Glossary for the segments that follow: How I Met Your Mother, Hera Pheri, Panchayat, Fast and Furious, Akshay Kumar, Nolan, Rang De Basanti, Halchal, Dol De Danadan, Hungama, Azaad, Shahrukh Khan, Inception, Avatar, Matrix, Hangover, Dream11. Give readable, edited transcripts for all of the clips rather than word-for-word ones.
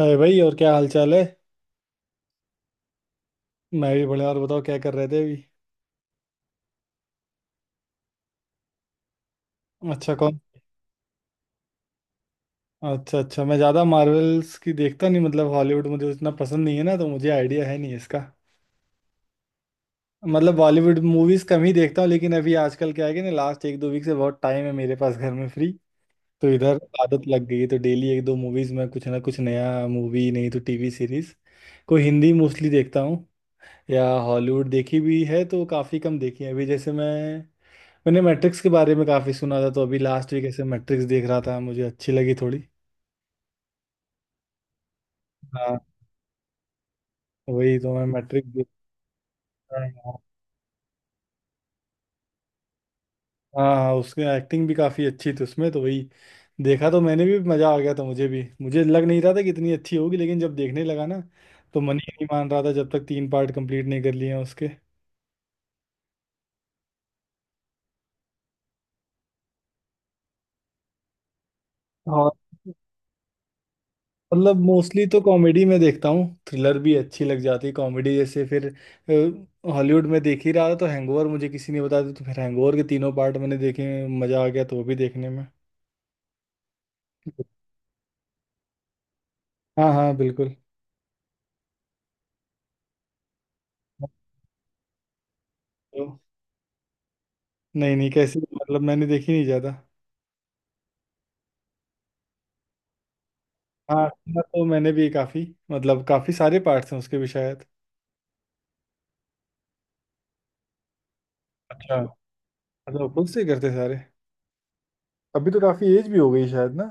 अरे भाई, और क्या हाल चाल है। मैं भी बढ़िया। और बताओ, क्या कर रहे थे अभी। अच्छा, कौन। अच्छा अच्छा, मैं ज़्यादा मार्वल्स की देखता नहीं। हॉलीवुड मुझे उतना पसंद नहीं है ना, तो मुझे आइडिया है नहीं इसका। बॉलीवुड मूवीज कम ही देखता हूँ, लेकिन अभी आजकल क्या है कि ना, लास्ट 1 2 वीक से बहुत टाइम है मेरे पास घर में फ्री। तो इधर आदत लग गई है, तो डेली 1 2 मूवीज में कुछ ना कुछ नया, मूवी नहीं तो टीवी सीरीज कोई हिंदी मोस्टली देखता हूँ। या हॉलीवुड देखी भी है तो काफ़ी कम देखी है। अभी जैसे मैंने मैट्रिक्स के बारे में काफी सुना था, तो अभी लास्ट वीक ऐसे मैट्रिक्स देख रहा था, मुझे अच्छी लगी थोड़ी। हाँ, वही तो मैं मैट्रिक्स देख रहा हूँ। हाँ हाँ, उसकी एक्टिंग भी काफी अच्छी थी उसमें। तो वही देखा तो मैंने भी, मजा आ गया था। मुझे लग नहीं रहा था कि इतनी अच्छी होगी, लेकिन जब देखने लगा ना, तो मन ही नहीं मान रहा था जब तक 3 पार्ट कंप्लीट नहीं कर लिए हैं उसके। हाँ, मोस्टली तो कॉमेडी में देखता हूँ, थ्रिलर भी अच्छी लग जाती है। कॉमेडी जैसे, फिर हॉलीवुड में देख ही रहा था तो हैंगओवर मुझे किसी ने बताया था, तो फिर हैंगओवर के तीनों पार्ट मैंने देखे। मज़ा आ गया, तो वो भी देखने में। हाँ हाँ बिल्कुल। तो, नहीं नहीं, कैसे, मैंने देखी नहीं ज़्यादा। हाँ सुना तो मैंने भी काफ़ी। काफ़ी सारे पार्ट्स हैं उसके भी शायद। अच्छा, खुद से करते सारे। अभी तो काफ़ी एज भी हो गई शायद ना।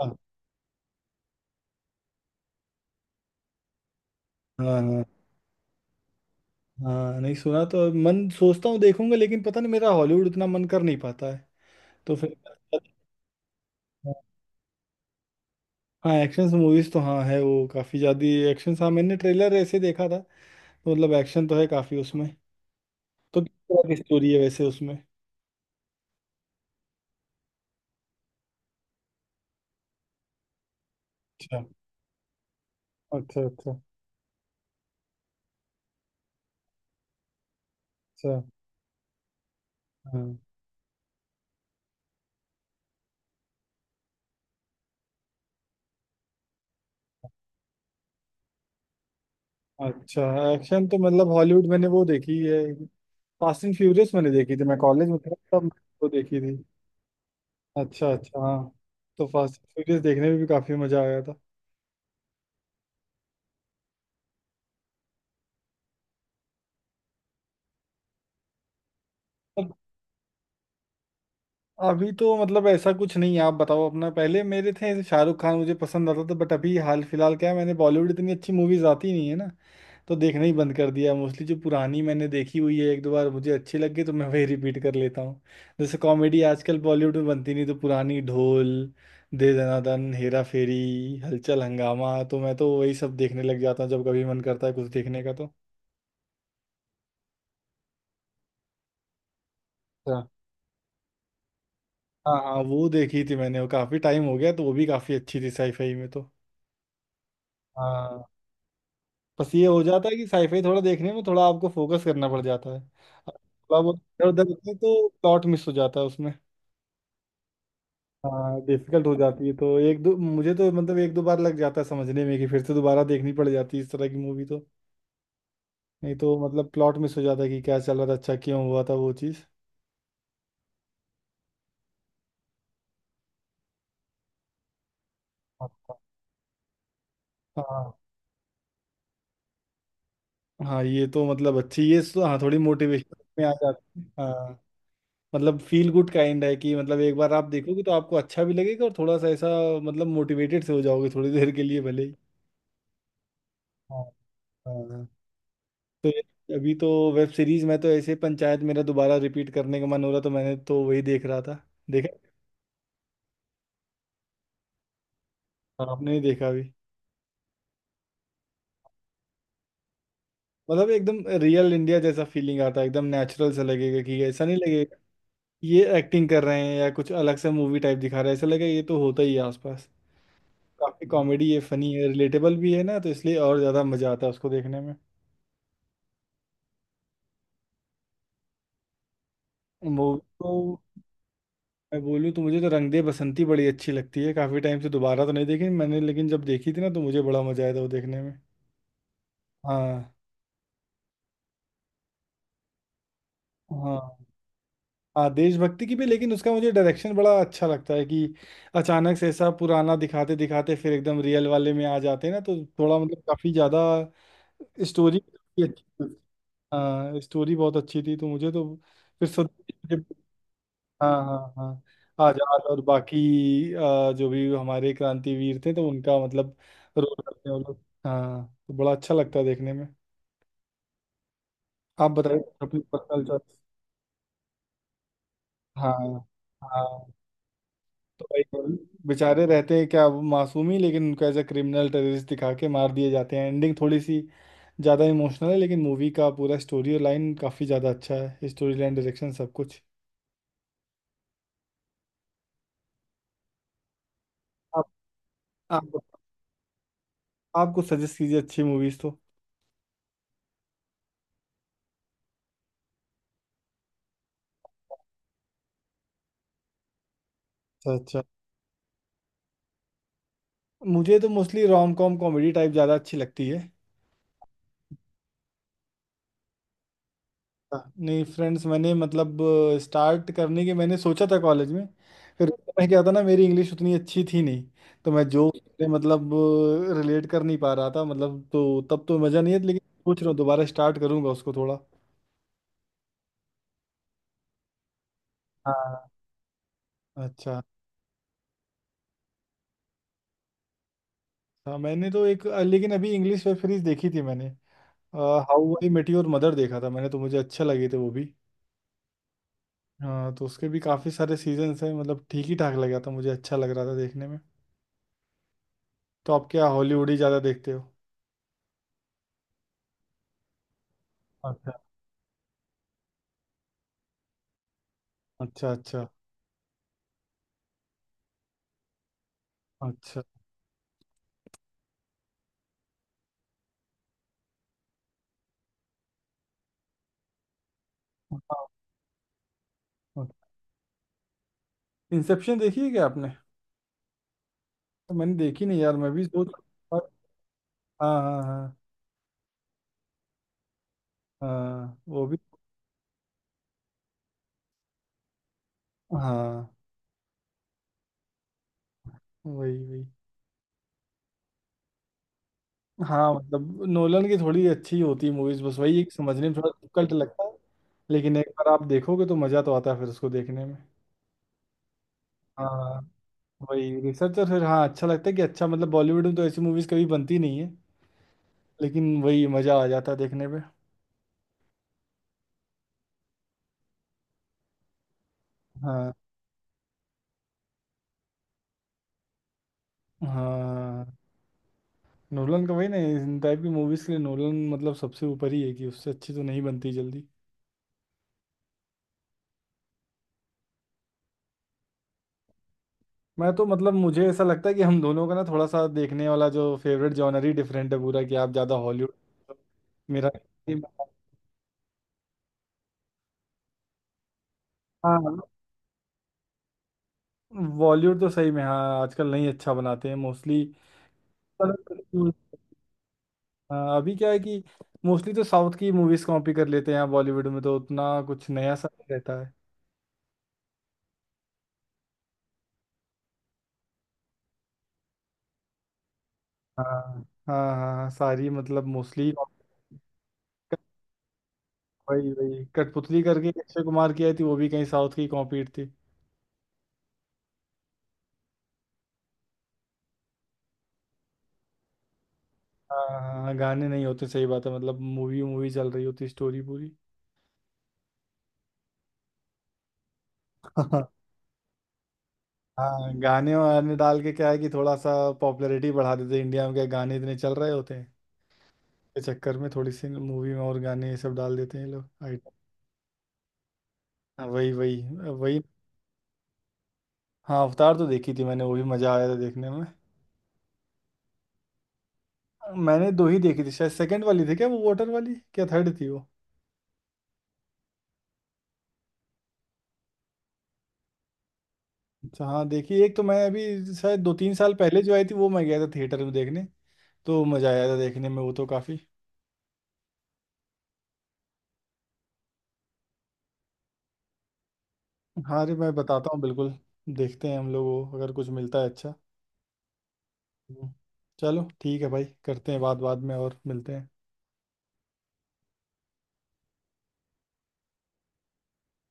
हाँ हाँ। हाँ, हाँ, नहीं, सुना तो, मन सोचता हूँ देखूंगा, लेकिन पता नहीं मेरा हॉलीवुड उतना मन कर नहीं पाता है तो फिर। हाँ, एक्शन मूवीज तो हाँ है वो काफी ज्यादा। एक्शन, हाँ, मैंने ट्रेलर ऐसे देखा था, तो एक्शन तो है काफी उसमें। तो किस तरह की स्टोरी है वैसे उसमें। अच्छा अच्छा। अच्छा अच्छा। हाँ, अच्छा। एक्शन तो, हॉलीवुड मैंने वो देखी है, फास्ट एंड फ्यूरियस मैंने देखी थी, मैं कॉलेज में था तब। वो देखी थी। अच्छा अच्छा, हाँ। तो फास्ट एंड फ्यूरियस देखने में भी काफी मजा आया था। अभी तो, ऐसा कुछ नहीं है, आप बताओ अपना पहले। मेरे थे, जैसे शाहरुख खान मुझे पसंद आता था, बट अभी हाल फिलहाल क्या है, मैंने बॉलीवुड इतनी अच्छी मूवीज आती नहीं है ना, तो देखना ही बंद कर दिया। मोस्टली जो पुरानी मैंने देखी हुई है, 1 2 बार मुझे अच्छी लग गई, तो मैं वही रिपीट कर लेता हूँ। जैसे कॉमेडी आजकल बॉलीवुड में बनती नहीं, तो पुरानी ढोल, दे दनादन, हेरा फेरी, हलचल, हंगामा, तो मैं तो वही सब देखने लग जाता हूँ जब कभी मन करता है कुछ देखने का तो। अच्छा। हाँ हाँ, वो देखी थी मैंने, वो काफी टाइम हो गया, तो वो भी काफी अच्छी थी साईफाई में तो। हाँ, बस ये हो जाता है कि साईफाई थोड़ा देखने में थोड़ा आपको फोकस करना पड़ जाता है। थोड़ा बहुत इधर उधर होते हैं तो प्लॉट मिस हो जाता है उसमें। हाँ, डिफिकल्ट हो जाती है, तो एक दो, मुझे तो एक दो बार लग जाता है समझने में कि फिर से दोबारा देखनी पड़ जाती है इस तरह की मूवी तो। नहीं तो प्लॉट मिस हो जाता है कि क्या चल रहा था, अच्छा क्यों हुआ था वो चीज़। हाँ हाँ, ये तो अच्छी, ये हाँ, थोड़ी मोटिवेशन में आ जाती है, हाँ। फील गुड काइंड है कि, एक बार आप देखोगे तो आपको अच्छा भी लगेगा और थोड़ा सा ऐसा, मोटिवेटेड से हो जाओगे थोड़ी देर के लिए भले ही। हाँ। हाँ। तो अभी तो वेब सीरीज में तो ऐसे पंचायत, मेरा दोबारा रिपीट करने का मन हो रहा, तो मैंने तो वही देख रहा था, देखा। हाँ, आपने नहीं देखा अभी। एकदम रियल इंडिया जैसा फीलिंग आता है, एकदम नेचुरल सा लगेगा कि ऐसा नहीं लगेगा ये एक्टिंग कर रहे हैं या कुछ अलग सा मूवी टाइप दिखा रहा है। ऐसा लगेगा ये तो होता ही है आसपास। काफी कॉमेडी है, फनी है, रिलेटेबल भी है ना, तो इसलिए और ज्यादा मजा आता है उसको देखने में। मूवी तो, मैं बोलूँ तो, मुझे तो रंग दे बसंती बड़ी अच्छी लगती है। काफी टाइम से दोबारा तो नहीं देखी मैंने, लेकिन जब देखी थी ना, तो मुझे बड़ा मजा आया था वो देखने में। हाँ। हाँ, हाँ देशभक्ति की भी, लेकिन उसका मुझे डायरेक्शन बड़ा अच्छा लगता है कि अचानक से ऐसा पुराना दिखाते दिखाते फिर एकदम रियल वाले में आ जाते हैं ना, तो थोड़ा, काफी ज्यादा स्टोरी अच्छी थी। हाँ, स्टोरी बहुत अच्छी थी, तो मुझे तो, फिर सद हाँ हाँ हाँ, आजाद और बाकी जो भी हमारे क्रांतिवीर थे, तो उनका रोल करते हैं वो लोग। हाँ, तो बड़ा अच्छा लगता है देखने में। आप बताइए अपनी पर्सनल चॉइस। हाँ। हाँ, तो भाई बेचारे रहते हैं क्या वो मासूम ही, लेकिन उनको एज ए क्रिमिनल टेररिस्ट दिखा के मार दिए जाते हैं। एंडिंग थोड़ी सी ज़्यादा इमोशनल है, लेकिन मूवी का पूरा स्टोरी लाइन काफ़ी ज़्यादा अच्छा है, स्टोरी लाइन, डायरेक्शन, सब कुछ। आप आप आप कुछ सजेस्ट कीजिए अच्छी मूवीज़ तो। अच्छा। अच्छा, मुझे तो mostly rom com comedy type ज़्यादा अच्छी लगती है। हाँ, नहीं, फ्रेंड्स मैंने स्टार्ट करने के, मैंने सोचा था कॉलेज में। फिर उस समय क्या था ना, मेरी इंग्लिश उतनी अच्छी थी नहीं, तो मैं जो उससे रिलेट कर नहीं पा रहा था, तो तब तो मज़ा नहीं है, लेकिन सोच रहा हूँ दोबारा स्टार्ट करूंगा उसको थोड़ा। हाँ, अच्छा अच्छा। मैंने तो एक, लेकिन अभी इंग्लिश वेब सीरीज देखी थी मैंने, How I Met Your Mother देखा था मैंने, तो मुझे अच्छा लगे थे वो भी। हाँ, तो उसके भी काफ़ी सारे सीजन्स हैं। ठीक ही ठाक लगा था, मुझे अच्छा लग रहा था देखने में। तो आप क्या हॉलीवुड ही ज़्यादा देखते हो। अच्छा अच्छा। अच्छा। हाँ, इंसेप्शन देखी है क्या आपने। तो मैंने देखी नहीं यार, मैं भी सोच। हाँ हाँ। हाँ हाँ, वो भी। हाँ, वही वही। हाँ, नोलन की थोड़ी अच्छी होती है मूवीज, बस वही एक समझने में थोड़ा डिफिकल्ट लगता है। लेकिन एक बार आप देखोगे तो मजा तो आता है फिर उसको देखने में। हाँ, वही रिसर्चर, फिर हाँ अच्छा लगता है कि, अच्छा बॉलीवुड में तो ऐसी मूवीज कभी बनती नहीं है, लेकिन वही मजा आ जाता है देखने पे। हाँ हाँ। नोलन का वही ना, इन टाइप की मूवीज के लिए नोलन सबसे ऊपर ही है, कि उससे अच्छी तो नहीं बनती जल्दी। मैं तो, मुझे ऐसा लगता है कि हम दोनों का ना थोड़ा सा देखने वाला जो फेवरेट जॉनर ही डिफरेंट है पूरा, कि आप ज़्यादा हॉलीवुड, मेरा। हाँ। बॉलीवुड तो सही में हाँ आजकल नहीं अच्छा बनाते हैं मोस्टली। हाँ, अभी क्या है कि मोस्टली तो साउथ की मूवीज कॉपी कर लेते हैं यहाँ बॉलीवुड में, तो उतना कुछ नया सा नहीं रहता है। हाँ हाँ। हाँ, हाँ, सारी मोस्टली, वही वही कठपुतली करके एक अक्षय कुमार की आई थी, वो भी कहीं साउथ की कॉपी थी। हाँ हाँ, गाने नहीं होते, सही बात है। मूवी मूवी चल रही होती, स्टोरी पूरी। हाँ, गाने वाने डाल के क्या है कि थोड़ा सा पॉपुलैरिटी बढ़ा देते हैं। इंडिया में क्या, गाने इतने चल रहे होते हैं, के चक्कर में थोड़ी सी मूवी में और गाने ये सब डाल देते हैं ये लोग, आइटम। हाँ, वही वही, वही। हाँ, अवतार तो देखी थी मैंने, वो भी मजा आया था देखने में। मैंने दो ही देखी थी शायद, सेकंड वाली थी क्या, वो वाटर वाली क्या थर्ड थी वो। अच्छा, हाँ, देखिए, एक तो मैं अभी शायद 2 3 साल पहले जो आई थी वो मैं गया था थिएटर में देखने, तो मज़ा आया था देखने में वो तो काफ़ी। हाँ अरे, मैं बताता हूँ बिल्कुल। देखते हैं हम लोग वो, अगर कुछ मिलता है अच्छा। हम्म। चलो ठीक है भाई, करते हैं बात बाद में, और मिलते हैं।